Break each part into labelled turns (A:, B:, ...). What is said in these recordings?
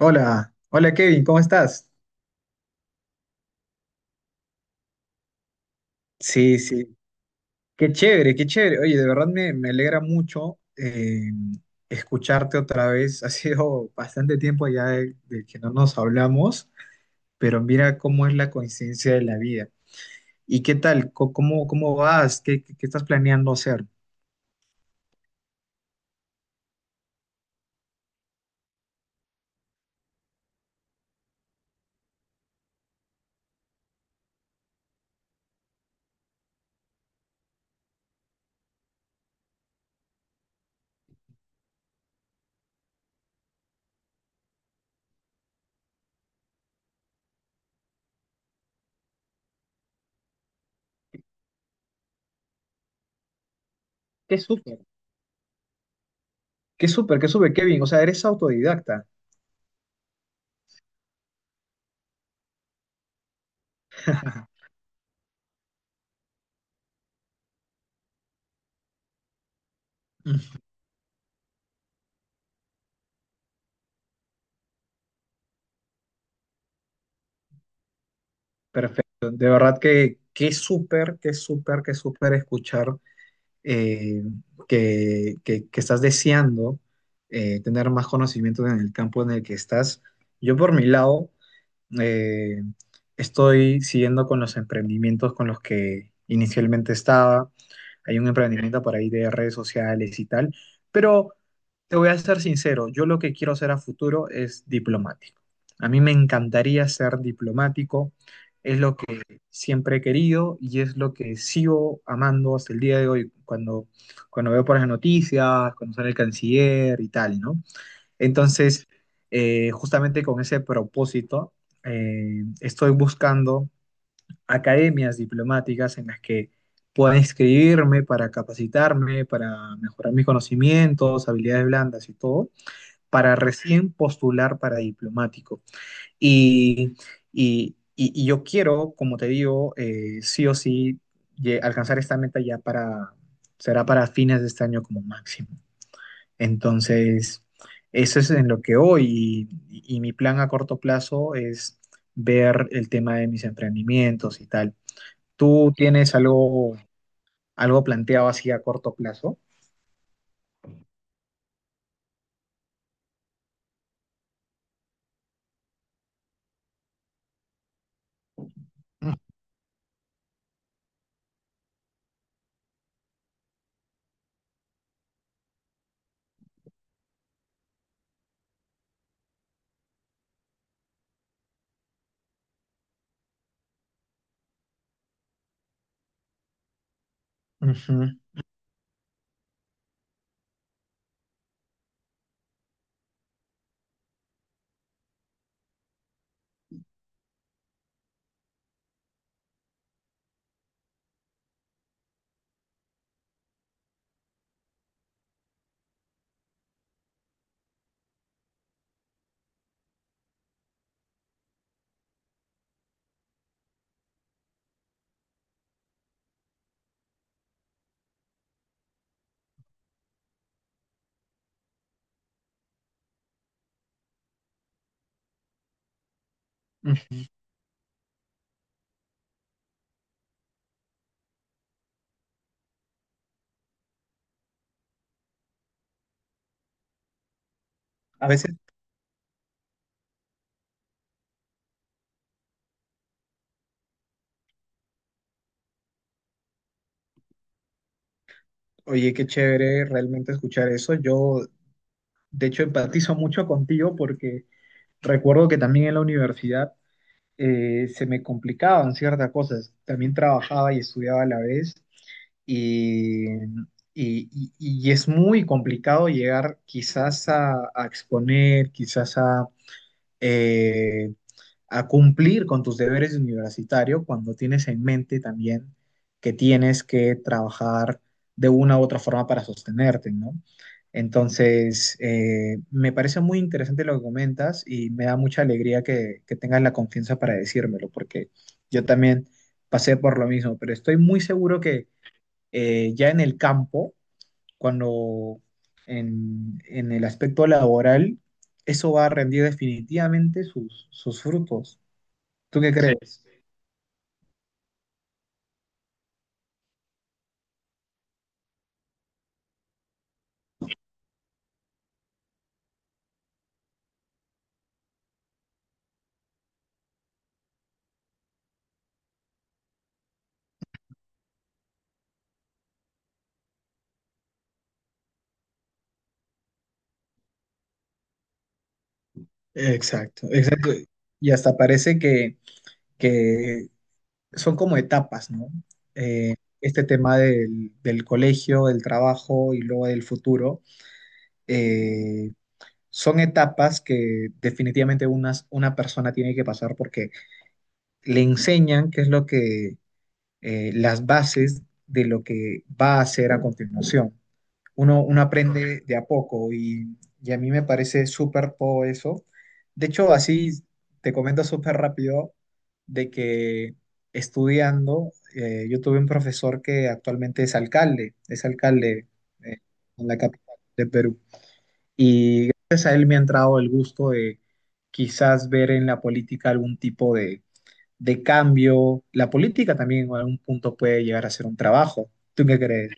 A: Hola, hola Kevin, ¿cómo estás? Sí, sí, qué chévere, qué chévere. Oye, de verdad me alegra mucho escucharte otra vez. Ha sido bastante tiempo ya de que no nos hablamos, pero mira cómo es la coincidencia de la vida. ¿Y qué tal? ¿Cómo, cómo vas? Qué estás planeando hacer? Qué súper, qué súper, qué súper, Kevin. O sea, eres autodidacta. Mm, Perfecto, de verdad que qué súper, qué súper, qué súper escuchar eh, que estás deseando tener más conocimiento en el campo en el que estás. Yo por mi lado eh, estoy siguiendo con los emprendimientos con los que inicialmente estaba. Hay un emprendimiento por ahí de redes sociales y tal, pero te voy a ser sincero, yo lo que quiero hacer a futuro es diplomático. A mí me encantaría ser diplomático, es lo que siempre he querido y es lo que sigo amando hasta el día de hoy, cuando veo por las noticias, cuando sale el canciller y tal, ¿no? Entonces, justamente con ese propósito, estoy buscando academias diplomáticas en las que pueda inscribirme para capacitarme, para mejorar mis conocimientos, habilidades blandas y todo, para recién postular para diplomático. Y, y yo quiero, como te digo, sí o sí alcanzar esta meta ya para, será para fines de este año como máximo. Entonces, eso es en lo que hoy y mi plan a corto plazo es ver el tema de mis emprendimientos y tal. ¿Tú tienes algo, algo planteado así a corto plazo? Ujú, ujú. A veces, oye, qué chévere realmente escuchar eso. Yo, de hecho, empatizo mucho contigo porque recuerdo que también en la universidad se me complicaban ciertas cosas. También trabajaba y estudiaba a la vez y, y es muy complicado llegar quizás a exponer, quizás eh, a cumplir con tus deberes de universitario cuando tienes en mente también que tienes que trabajar de una u otra forma para sostenerte, ¿no? Entonces, me parece muy interesante lo que comentas y me da mucha alegría que tengas la confianza para decírmelo, porque yo también pasé por lo mismo, pero estoy muy seguro que ya en el campo, cuando en el aspecto laboral, eso va a rendir definitivamente sus, sus frutos. ¿Tú qué sí, crees? Exacto, exacto. Y hasta parece que son como etapas, ¿no? Este tema del, del colegio, del trabajo y luego del futuro, eh, son etapas que definitivamente una persona tiene que pasar porque le enseñan qué es lo que, las bases de lo que va a hacer a continuación. Uno, uno aprende de a poco y a mí me parece súper todo eso. De hecho, así te comento súper rápido de que estudiando, yo tuve un profesor que actualmente es alcalde eh, en la capital de Perú. Y gracias a él me ha entrado el gusto de quizás ver en la política algún tipo de cambio. La política también en algún punto puede llegar a ser un trabajo. ¿Tú qué crees?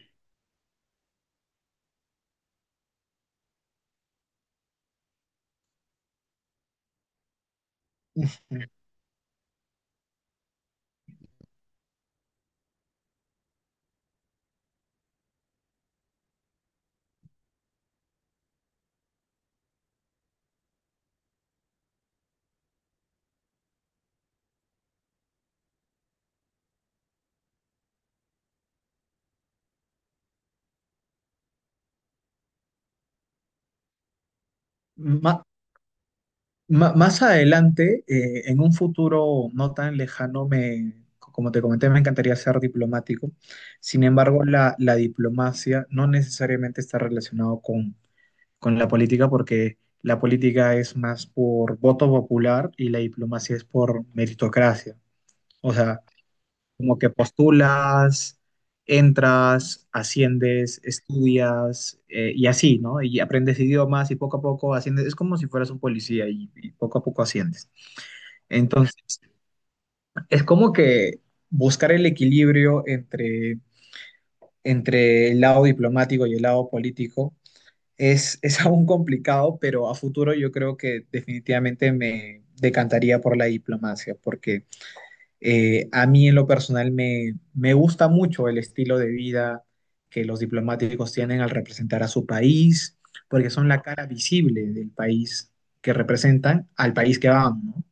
A: Ma- Más adelante, en un futuro no tan lejano, me, como te comenté, me encantaría ser diplomático. Sin embargo, la diplomacia no necesariamente está relacionado con la política porque la política es más por voto popular y la diplomacia es por meritocracia. O sea, como que postulas, entras, asciendes, estudias y así, ¿no? Y aprendes idiomas y poco a poco asciendes. Es como si fueras un policía y poco a poco asciendes. Entonces, es como que buscar el equilibrio entre, entre el lado diplomático y el lado político es aún complicado, pero a futuro yo creo que definitivamente me decantaría por la diplomacia, porque a mí en lo personal me gusta mucho el estilo de vida que los diplomáticos tienen al representar a su país, porque son la cara visible del país que representan al país que van, ¿no?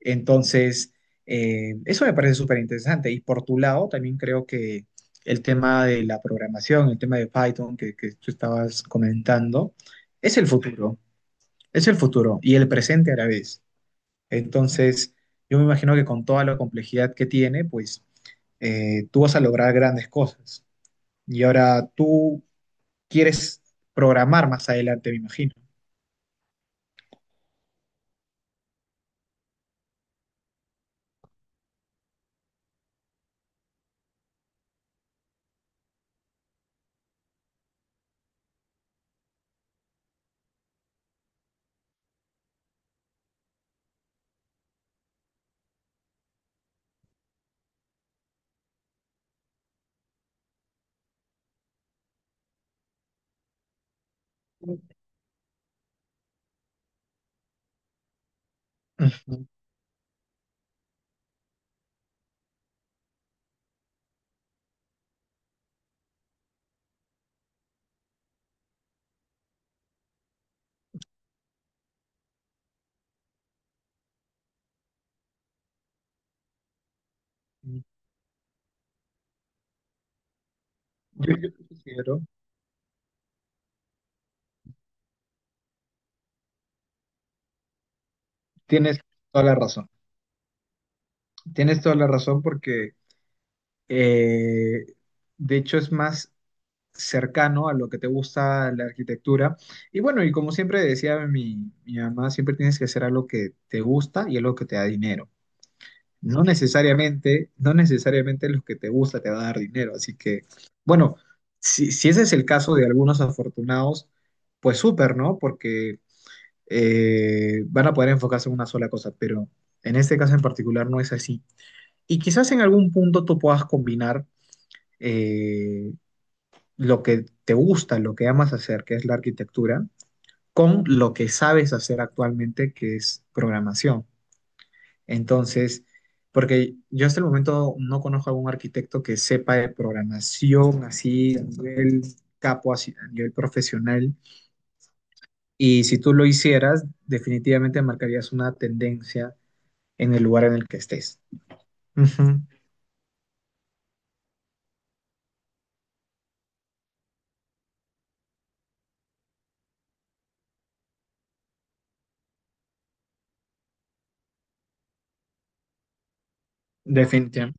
A: Entonces, eso me parece súper interesante. Y por tu lado, también creo que el tema de la programación, el tema de Python que tú estabas comentando, es el futuro, es el futuro y el presente a la vez. Entonces, yo me imagino que con toda la complejidad que tiene, pues tú vas a lograr grandes cosas. Y ahora tú quieres programar más adelante, me imagino. Ujú. Yo considero, tienes toda la razón. Tienes toda la razón porque Eh, de hecho, es más cercano a lo que te gusta la arquitectura. Y bueno, y como siempre decía mi, mi mamá, siempre tienes que hacer algo que te gusta y algo que te da dinero. No necesariamente, no necesariamente lo que te gusta te va a dar dinero. Así que, bueno, si, si ese es el caso de algunos afortunados, pues súper, ¿no? Porque van a poder enfocarse en una sola cosa, pero en este caso en particular no es así. Y quizás en algún punto tú puedas combinar eh, lo que te gusta, lo que amas hacer, que es la arquitectura, con lo que sabes hacer actualmente, que es programación. Entonces, porque yo hasta el momento no conozco a algún arquitecto que sepa de programación así, a nivel capo, así, a nivel profesional. Y si tú lo hicieras, definitivamente marcarías una tendencia en el lugar en el que estés. Ujú, definitivamente.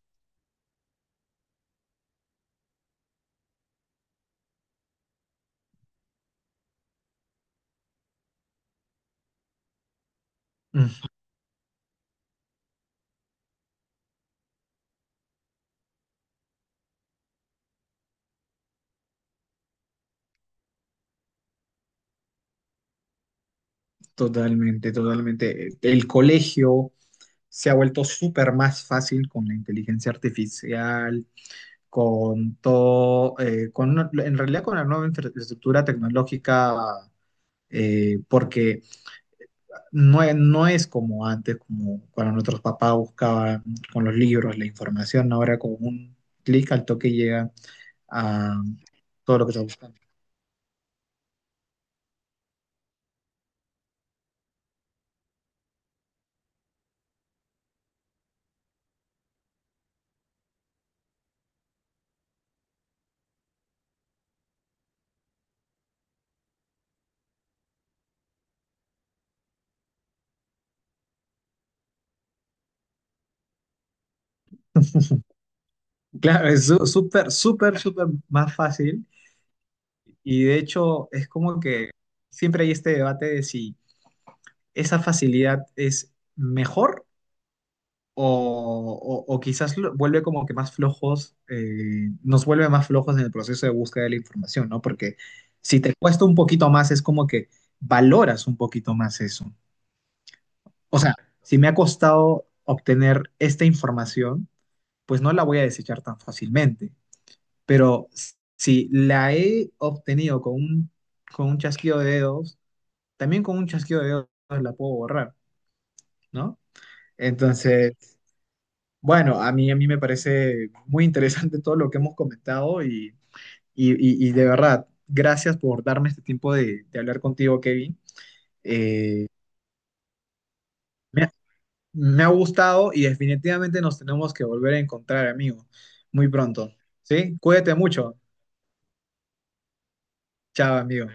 A: Ujú, totalmente, totalmente. El colegio se ha vuelto súper más fácil con la inteligencia artificial, con todo, con, en realidad con la nueva infraestructura tecnológica, porque no, no es como antes, como cuando nuestros papás buscaban con los libros la información, ahora con un clic al toque llega a todo lo que está buscando. Claro, es súper, súper, súper más fácil y de hecho es como que siempre hay este debate de si esa facilidad es mejor o, o quizás vuelve como que más flojos, nos vuelve más flojos en el proceso de búsqueda de la información, ¿no? Porque si te cuesta un poquito más, es como que valoras un poquito más eso. O sea, si me ha costado obtener esta información, pues no la voy a desechar tan fácilmente, pero si la he obtenido con un chasquido de dedos, también con un chasquido de dedos la puedo borrar, ¿no? Entonces, bueno, a mí me parece muy interesante todo lo que hemos comentado y de verdad, gracias por darme este tiempo de hablar contigo, Kevin. Eh, me, ha Me ha gustado y definitivamente nos tenemos que volver a encontrar, amigo, muy pronto. ¿Sí? Cuídate mucho. Chao, amigo.